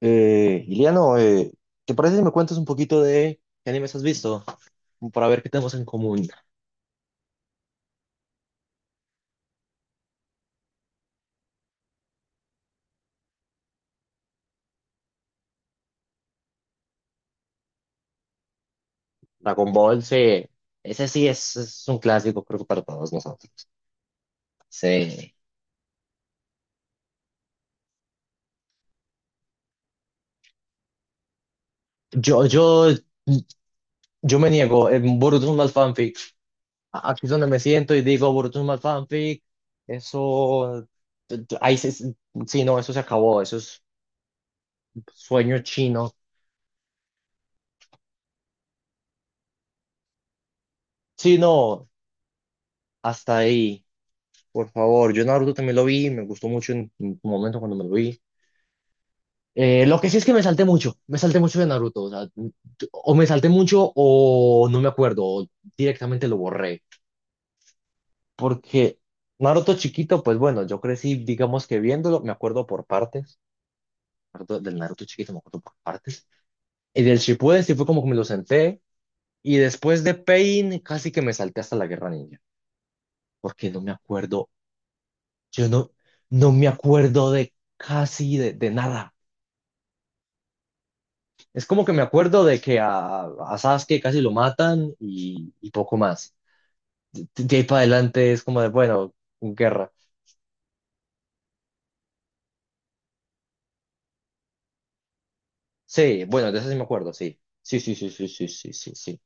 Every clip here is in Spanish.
Iliano, ¿te parece si me cuentas un poquito de qué animes has visto? Como para ver qué tenemos en común. Dragon Ball, sí. Ese sí es un clásico, creo que para todos nosotros. Sí. Yo, yo, yo me niego. En Boruto es un mal fanfic. Aquí es donde me siento y digo, Boruto es un mal fanfic. Eso. Ahí se, sí, no, eso se acabó. Eso es sueño chino. Sí, no, hasta ahí. Por favor, yo Naruto también lo vi, me gustó mucho en un momento cuando me lo vi. Lo que sí es que me salté mucho de Naruto, o sea, o me salté mucho o no me acuerdo, o directamente lo borré, porque Naruto chiquito, pues bueno, yo crecí, digamos que viéndolo, me acuerdo por partes, del Naruto chiquito me acuerdo por partes, y del Shippuden sí fue como que me lo senté, y después de Pain casi que me salté hasta la Guerra Ninja, porque no me acuerdo, yo no, no me acuerdo de casi de nada. Es como que me acuerdo de que a Sasuke casi lo matan y poco más. De ahí para adelante es como de, bueno, guerra. Sí, bueno, de eso sí me acuerdo, sí. Sí, sí, sí, sí, sí, sí, sí, sí.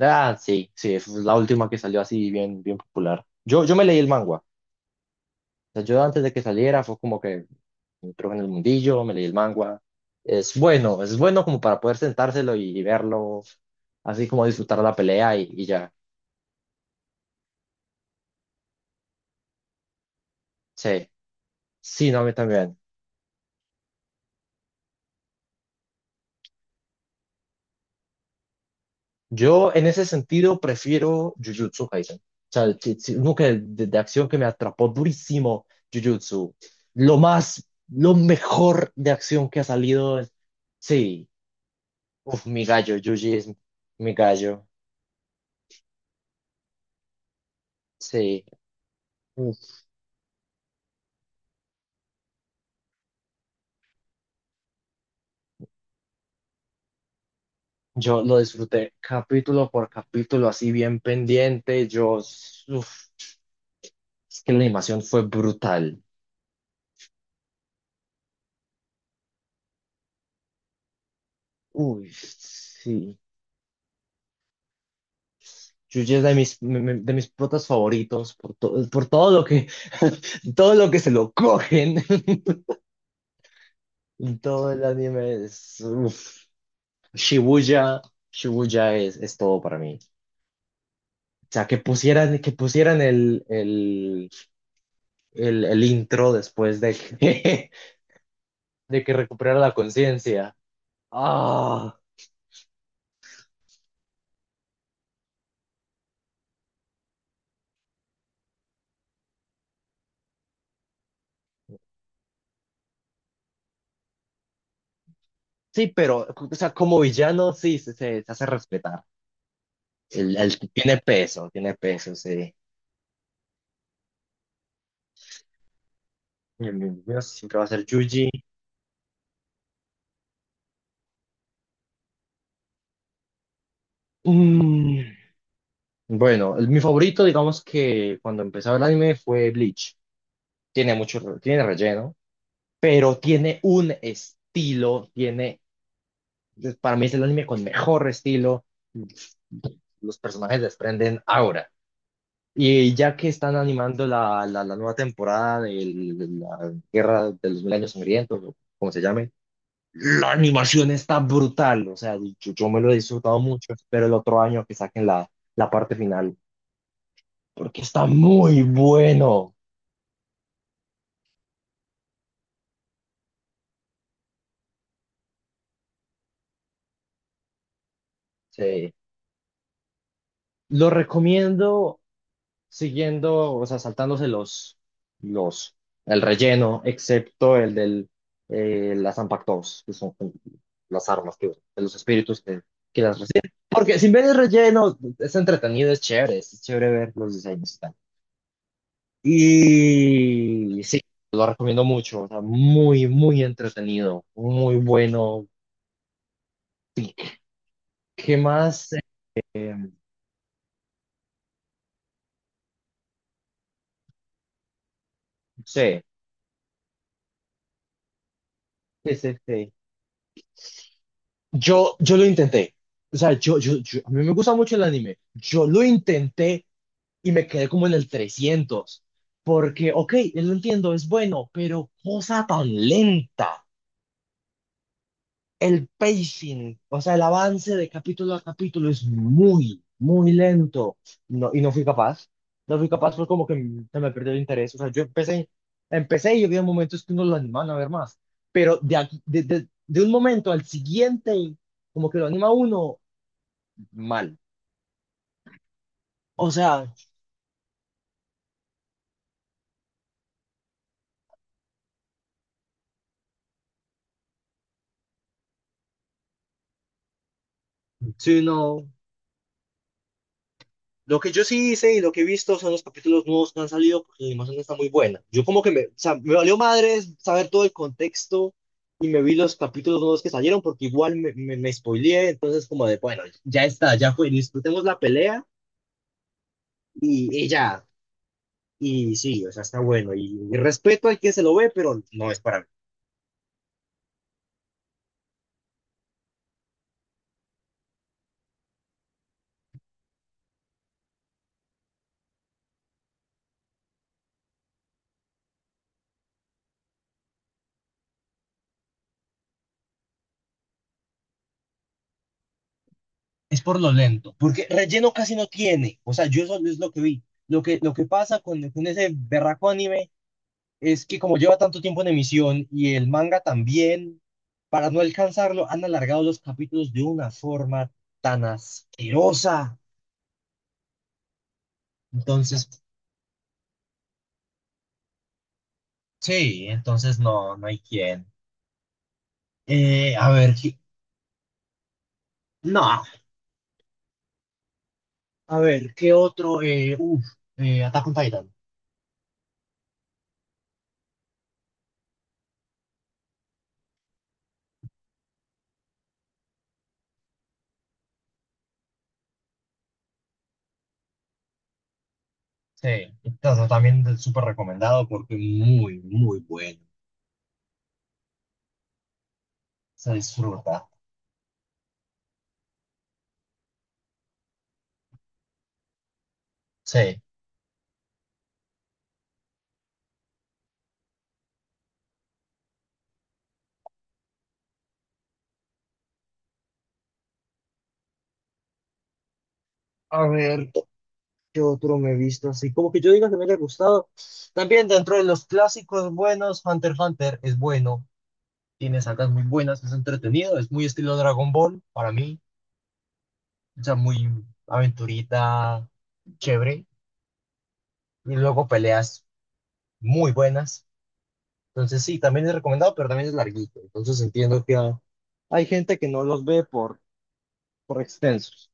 Ah, sí, sí, fue la última que salió así bien, bien popular. Yo me leí el manga. O sea, yo antes de que saliera fue como que entró en el mundillo, me leí el manga. Es bueno como para poder sentárselo y verlo, así como disfrutar la pelea y ya. Sí, sí, no, a mí también. Yo en ese sentido prefiero Jujutsu Kaisen. O sea, uno que de acción que me atrapó durísimo, Jujutsu. Lo más, lo mejor de acción que ha salido. Sí, uf, mi gallo, Yuji es mi gallo. Sí, uf, yo lo disfruté capítulo por capítulo, así bien pendiente. Yo, uf, es que la animación fue brutal. Uy, sí. Yuya es de mis, de mis protas favoritos por, por todo lo que, todo lo que se lo cogen. En todo el anime es, uf. Shibuya, Shibuya es todo para mí. O sea, que pusieran el intro después de que, de que recuperara la conciencia. Ah, sí, pero, o sea, como villano, sí, se, se hace respetar. Tiene peso, sí. El de siempre va a ser Yuji. Mm, Bueno, mi favorito, digamos que cuando empezaba el anime fue Bleach. Tiene mucho, tiene relleno, pero tiene un estilo, tiene, para mí es el anime con mejor estilo. Los personajes desprenden ahora. Y ya que están animando la nueva temporada de la Guerra de los Mil Años Sangrientos, o como se llame, la animación está brutal, o sea, yo me lo he disfrutado mucho, espero el otro año que saquen la, la parte final, porque está muy bueno. Sí. Lo recomiendo siguiendo, o sea, saltándose los, el relleno, excepto el del, las Ampactos, que son las armas que, de los espíritus que las reciben. Porque sin ver el relleno, es entretenido, es chévere ver los diseños. Y sí, lo recomiendo mucho, o sea, muy, muy entretenido, muy bueno. ¿Qué más? Eh, sí, sí, sí, sí. Yo lo intenté. O sea, a mí me gusta mucho el anime. Yo lo intenté y me quedé como en el 300. Porque, ok, lo entiendo, es bueno, pero cosa tan lenta. El pacing, o sea, el avance de capítulo a capítulo es muy, muy lento. No, y no fui capaz. No fui capaz, fue como que se me perdió el interés. O sea, yo empecé, empecé y había momentos que uno lo animaban a ver más. Pero de, de, de un momento al siguiente, como que lo anima uno mal. O sea, sí, no. Lo que yo sí hice y lo que he visto son los capítulos nuevos que han salido porque la animación está muy buena. Yo como que me, o sea, me valió madres saber todo el contexto y me vi los capítulos nuevos que salieron porque igual me, me spoileé, entonces como de, bueno, ya está, ya fue, disfrutemos la pelea y ya. Y sí, o sea, está bueno. Y respeto al que se lo ve, pero no es para mí. Es por lo lento, porque relleno casi no tiene. O sea, yo eso es lo que vi. Lo que pasa con ese berraco anime es que como lleva tanto tiempo en emisión y el manga también, para no alcanzarlo, han alargado los capítulos de una forma tan asquerosa. Entonces, sí, entonces no, no hay quien. A ver, ¿qué- no, a ver, ¿qué otro? Attack on Titan. Sí, entonces también es súper recomendado porque muy, muy bueno. Se disfruta. Sí. A ver. ¿Qué otro me he visto así? Como que yo diga que me haya gustado. También dentro de los clásicos buenos, Hunter x Hunter es bueno. Tiene sacas muy buenas, es entretenido, es muy estilo Dragon Ball para mí. O sea, muy aventurita, chévere. Y luego peleas muy buenas. Entonces sí, también es recomendado, pero también es larguito. Entonces entiendo que hay gente que no los ve por extensos.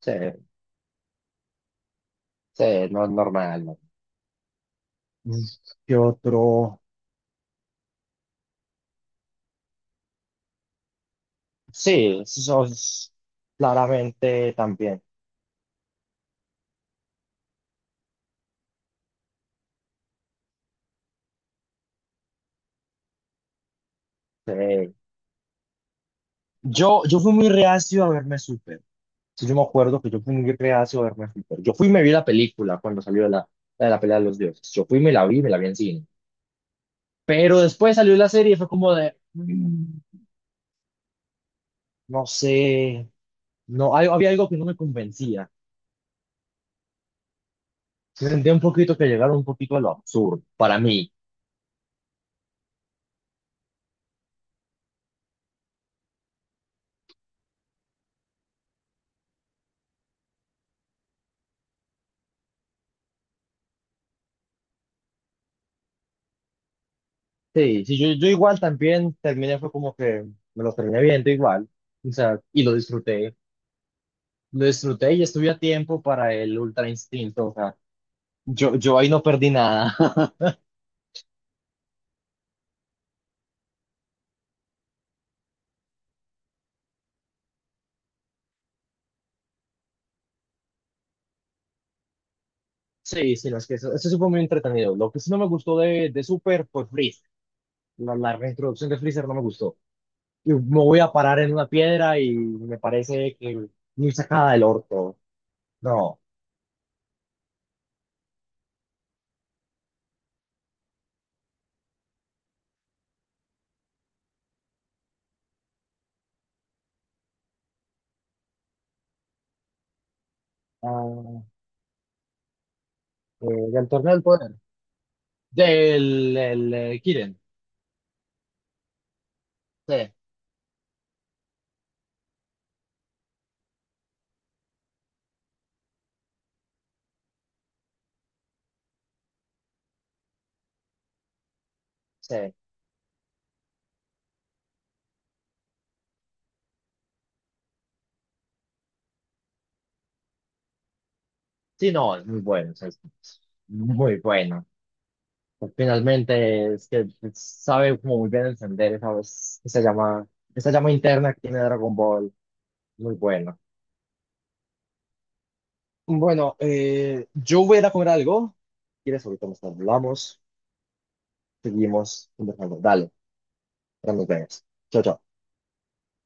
Sí, sí, no es normal. ¿No? ¿Qué otro? Sí, eso es claramente también. Eh, yo fui muy reacio a verme Super. Sí, yo me acuerdo que yo fui muy reacio a verme Super. Yo fui y me vi la película cuando salió la, la de la pelea de los dioses. Yo fui y me la vi en cine. Pero después salió la serie y fue como de, no sé, no, había algo que no me convencía. Se sentía un poquito que llegaron un poquito a lo absurdo para mí. Sí, sí, yo igual también terminé, fue como que me lo terminé viendo igual. O sea, y lo disfruté. Lo disfruté y estuve a tiempo para el Ultra Instinto. O sea, yo ahí no perdí nada. Sí, sí, no, es que eso sí fue muy entretenido. Lo que sí no me gustó de Super fue Freeze. La reintroducción de Freezer no me gustó. Y me voy a parar en una piedra y me parece que muy sacada del orto. No. Ah, del torneo del poder. Kiren. Sí, sí. Sí, no, es muy bueno. O sea, es muy bueno. Pues, finalmente, es que sabe como muy bien encender esa, esa llama, esa llama interna que tiene Dragon Ball. Muy bueno. Bueno, yo voy a ir a comer algo. ¿Quieres? Ahorita nos hablamos. Seguimos conversando. Dale, ya nos vemos. Chao, chao.